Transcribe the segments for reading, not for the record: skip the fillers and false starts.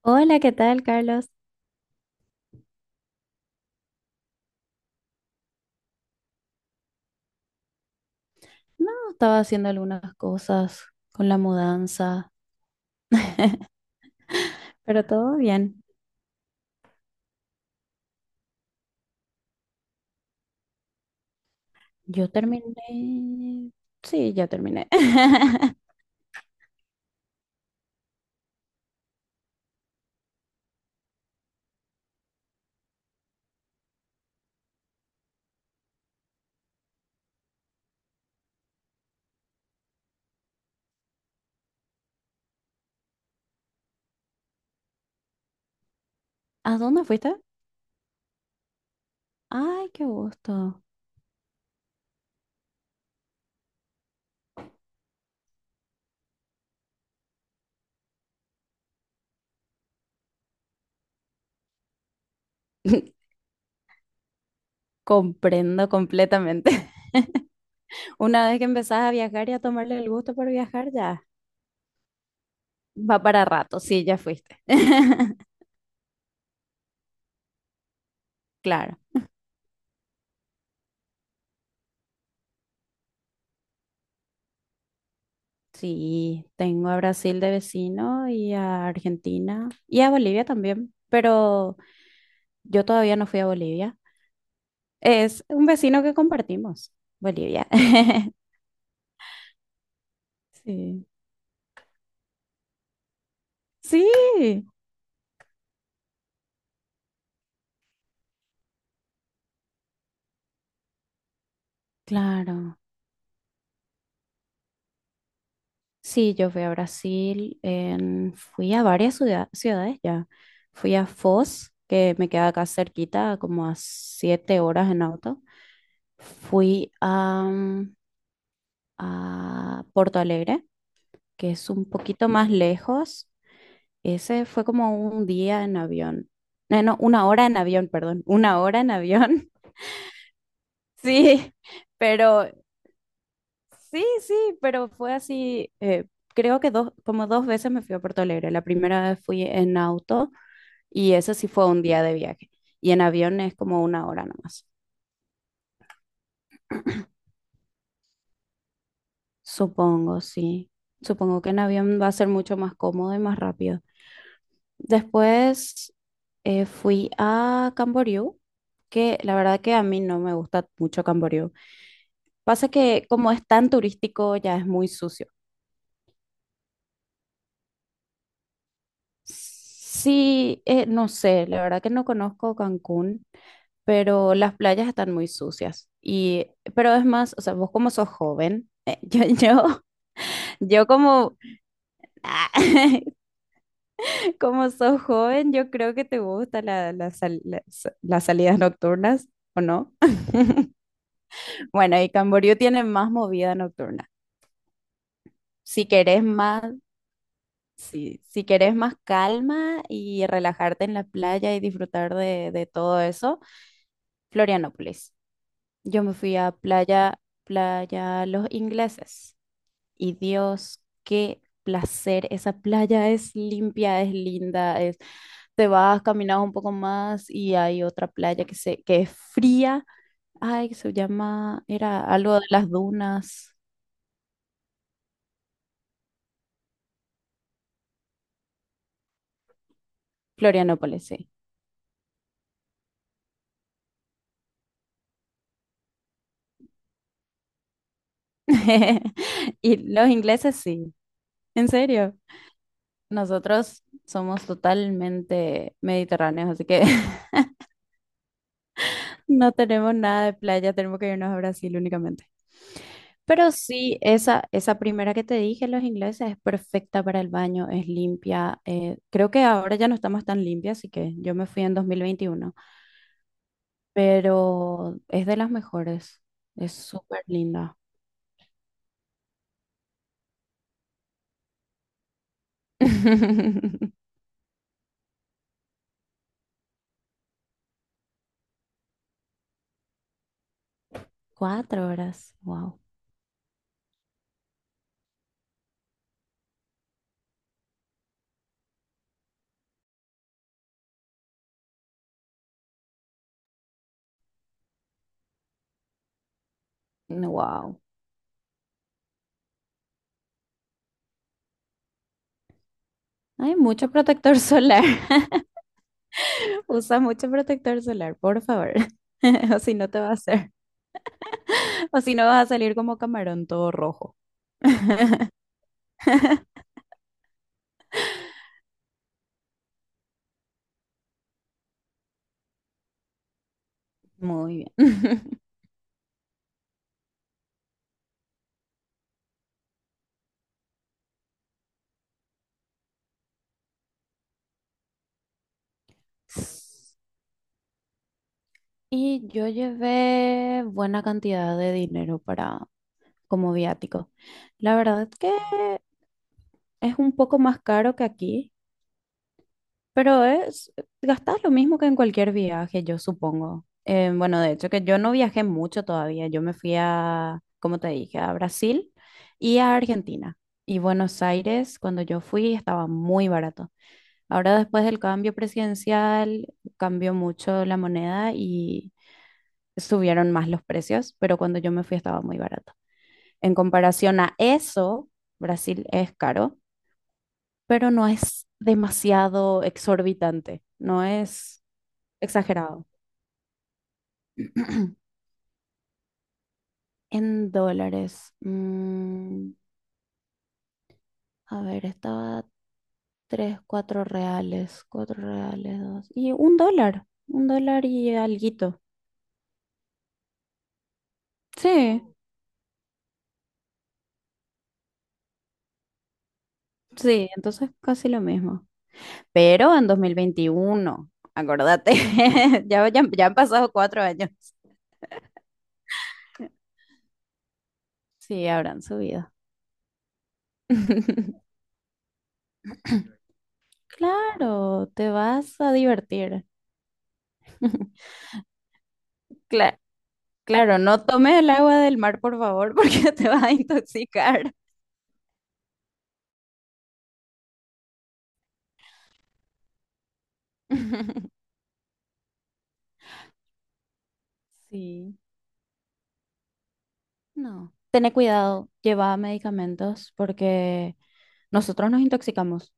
Hola, ¿qué tal, Carlos? No, estaba haciendo algunas cosas con la mudanza, pero todo bien. Yo terminé. Sí, ya terminé. ¿A dónde fuiste? Ay, qué gusto. Comprendo completamente. Una vez que empezás a viajar y a tomarle el gusto por viajar, ya va para rato. Sí, ya fuiste. Claro. Sí, tengo a Brasil de vecino y a Argentina y a Bolivia también, pero yo todavía no fui a Bolivia. Es un vecino que compartimos, Bolivia. Sí. Sí, claro. Sí, yo fui a Brasil, fui a varias ciudades ya. Fui a Foz, que me queda acá cerquita, como a 7 horas en auto. Fui a Porto Alegre, que es un poquito más lejos. Ese fue como un día en avión. No, no, una hora en avión, perdón. Una hora en avión. Sí, pero Sí, sí, pero fue así, creo que dos, como dos veces me fui a Puerto Alegre. La primera vez fui en auto y ese sí fue un día de viaje. Y en avión es como una hora nomás. Supongo, sí. Supongo que en avión va a ser mucho más cómodo y más rápido. Después fui a Camboriú, que la verdad que a mí no me gusta mucho Camboriú. Pasa que como es tan turístico, ya es muy sucio. Sí, no sé, la verdad que no conozco Cancún. Pero las playas están muy sucias. Y, pero es más, o sea, vos como sos joven, yo como, como sos joven, yo creo que te gustan la, la sal- la- sa- las salidas nocturnas, ¿o no? Bueno, y Camboriú tiene más movida nocturna. Si querés más, si, si querés más calma y relajarte en la playa y disfrutar de todo eso, Florianópolis. Yo me fui a playa, playa Los Ingleses. Y Dios, qué placer. Esa playa es limpia, es linda, es... Te vas, caminas un poco más y hay otra playa que es fría. Ay, que se llama, era algo de las dunas. Florianópolis, sí. Y los ingleses, sí. ¿En serio? Nosotros somos totalmente mediterráneos, así que no tenemos nada de playa, tenemos que irnos a Brasil únicamente. Pero sí, esa primera que te dije, los ingleses, es perfecta para el baño, es limpia. Creo que ahora ya no estamos tan limpias, así que yo me fui en 2021. Pero es de las mejores, es súper linda. 4 horas, wow. Wow. Hay mucho protector solar. Usa mucho protector solar, por favor. O si no te va a hacer. O si no, vas a salir como camarón todo rojo. Muy bien. Y yo llevé buena cantidad de dinero para como viático. La verdad que es un poco más caro que aquí, pero es gastas lo mismo que en cualquier viaje, yo supongo. Bueno, de hecho que yo no viajé mucho todavía. Yo me fui a, como te dije, a Brasil y a Argentina. Y Buenos Aires, cuando yo fui, estaba muy barato. Ahora después del cambio presidencial cambió mucho la moneda y subieron más los precios, pero cuando yo me fui estaba muy barato. En comparación a eso, Brasil es caro, pero no es demasiado exorbitante, no es exagerado. En dólares, a ver, estaba tres, cuatro reales, dos, y $1, $1 y alguito. Sí, sí, entonces casi lo mismo. Pero en 2021, acordate, ya, ya, ya han pasado 4 años. Sí, habrán subido. Claro, te vas a divertir. Cla- claro, no tomes el agua del mar, por favor, porque te vas a intoxicar. Sí, no. Tené cuidado, lleva medicamentos porque nosotros nos intoxicamos.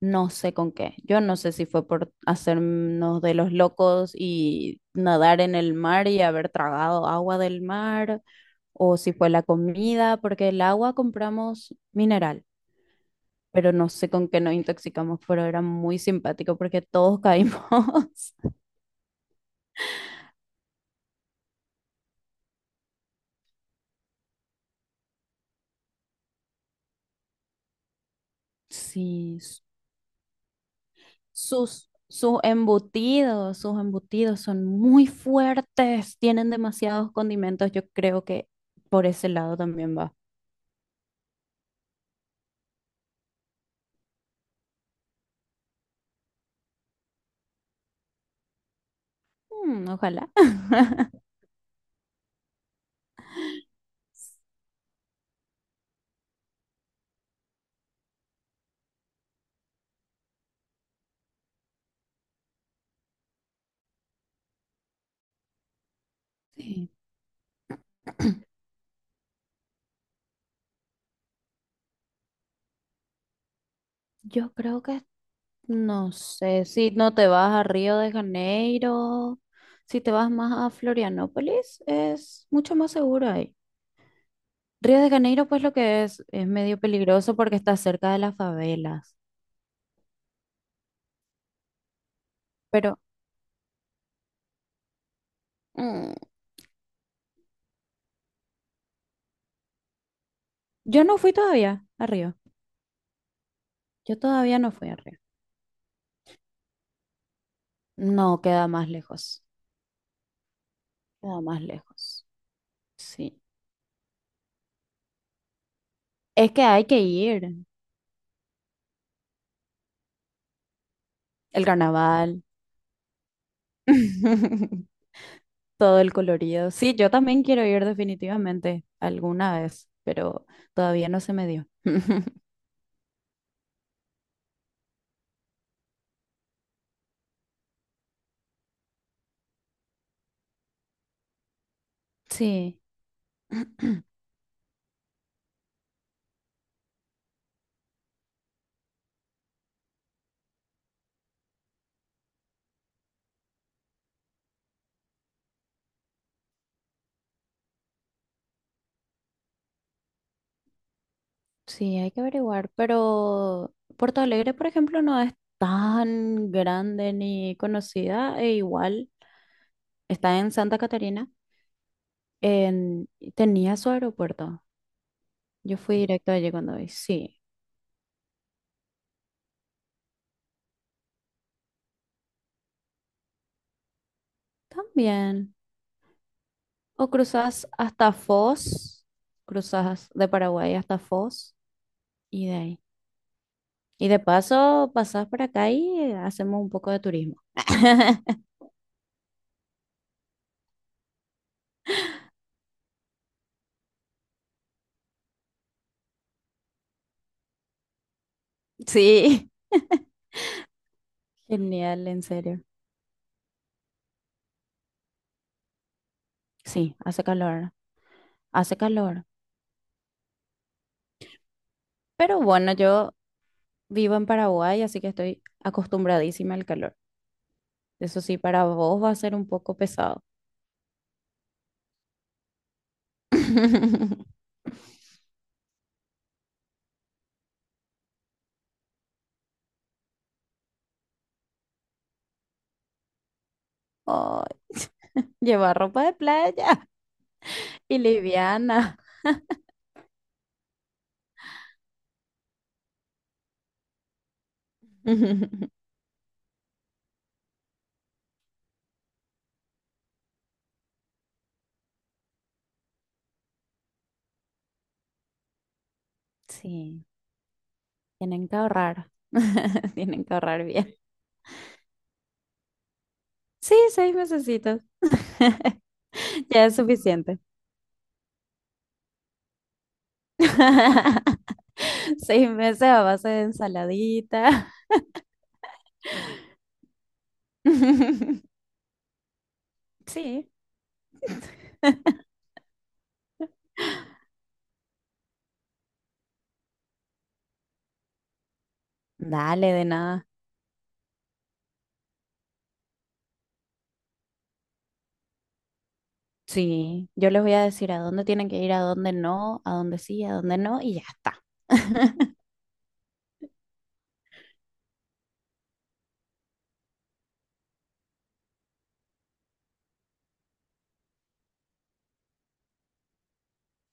No sé con qué. Yo no sé si fue por hacernos de los locos y nadar en el mar y haber tragado agua del mar, o si fue la comida, porque el agua compramos mineral, pero no sé con qué nos intoxicamos, pero era muy simpático porque todos caímos. Sí, sus embutidos sus embutidos son muy fuertes, tienen demasiados condimentos. Yo creo que por ese lado también va. Mm, ojalá. Sí. Yo creo que no sé si no te vas a Río de Janeiro, si te vas más a Florianópolis, es mucho más seguro ahí. Río de Janeiro, pues lo que es medio peligroso porque está cerca de las favelas. Pero mm, yo no fui todavía a Río. Yo todavía no fui a Río. No, queda más lejos. Queda más lejos. Sí. Es que hay que ir. El carnaval. Todo el colorido. Sí, yo también quiero ir definitivamente alguna vez, pero todavía no se me dio. Sí, sí, hay que averiguar, pero Porto Alegre, por ejemplo, no es tan grande ni conocida, e igual está en Santa Catarina, en... y tenía su aeropuerto. Yo fui directo allí cuando vi. Sí, también. O cruzas hasta Foz, cruzas de Paraguay hasta Foz y de ahí. Y de paso, pasás por acá y hacemos un poco de turismo. Sí. Genial, en serio. Sí, hace calor, hace calor. Pero bueno, yo vivo en Paraguay, así que estoy acostumbradísima al calor. Eso sí, para vos va a ser un poco pesado. Oh, llevar ropa de playa y liviana. Sí, tienen que ahorrar. Tienen que ahorrar bien. Sí, seis mesecitos. Ya es suficiente. 6 meses a base de ensaladita. Sí. Dale, de nada. Sí, yo les voy a decir a dónde tienen que ir, a dónde no, a dónde sí, a dónde no, y ya está.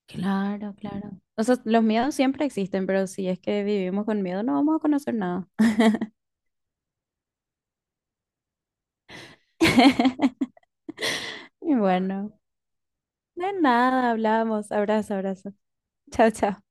Claro, claro. O sea, los miedos siempre existen, pero si es que vivimos con miedo, no vamos a conocer nada. Y bueno, de nada, hablamos. Abrazo, abrazo. Chao, chao.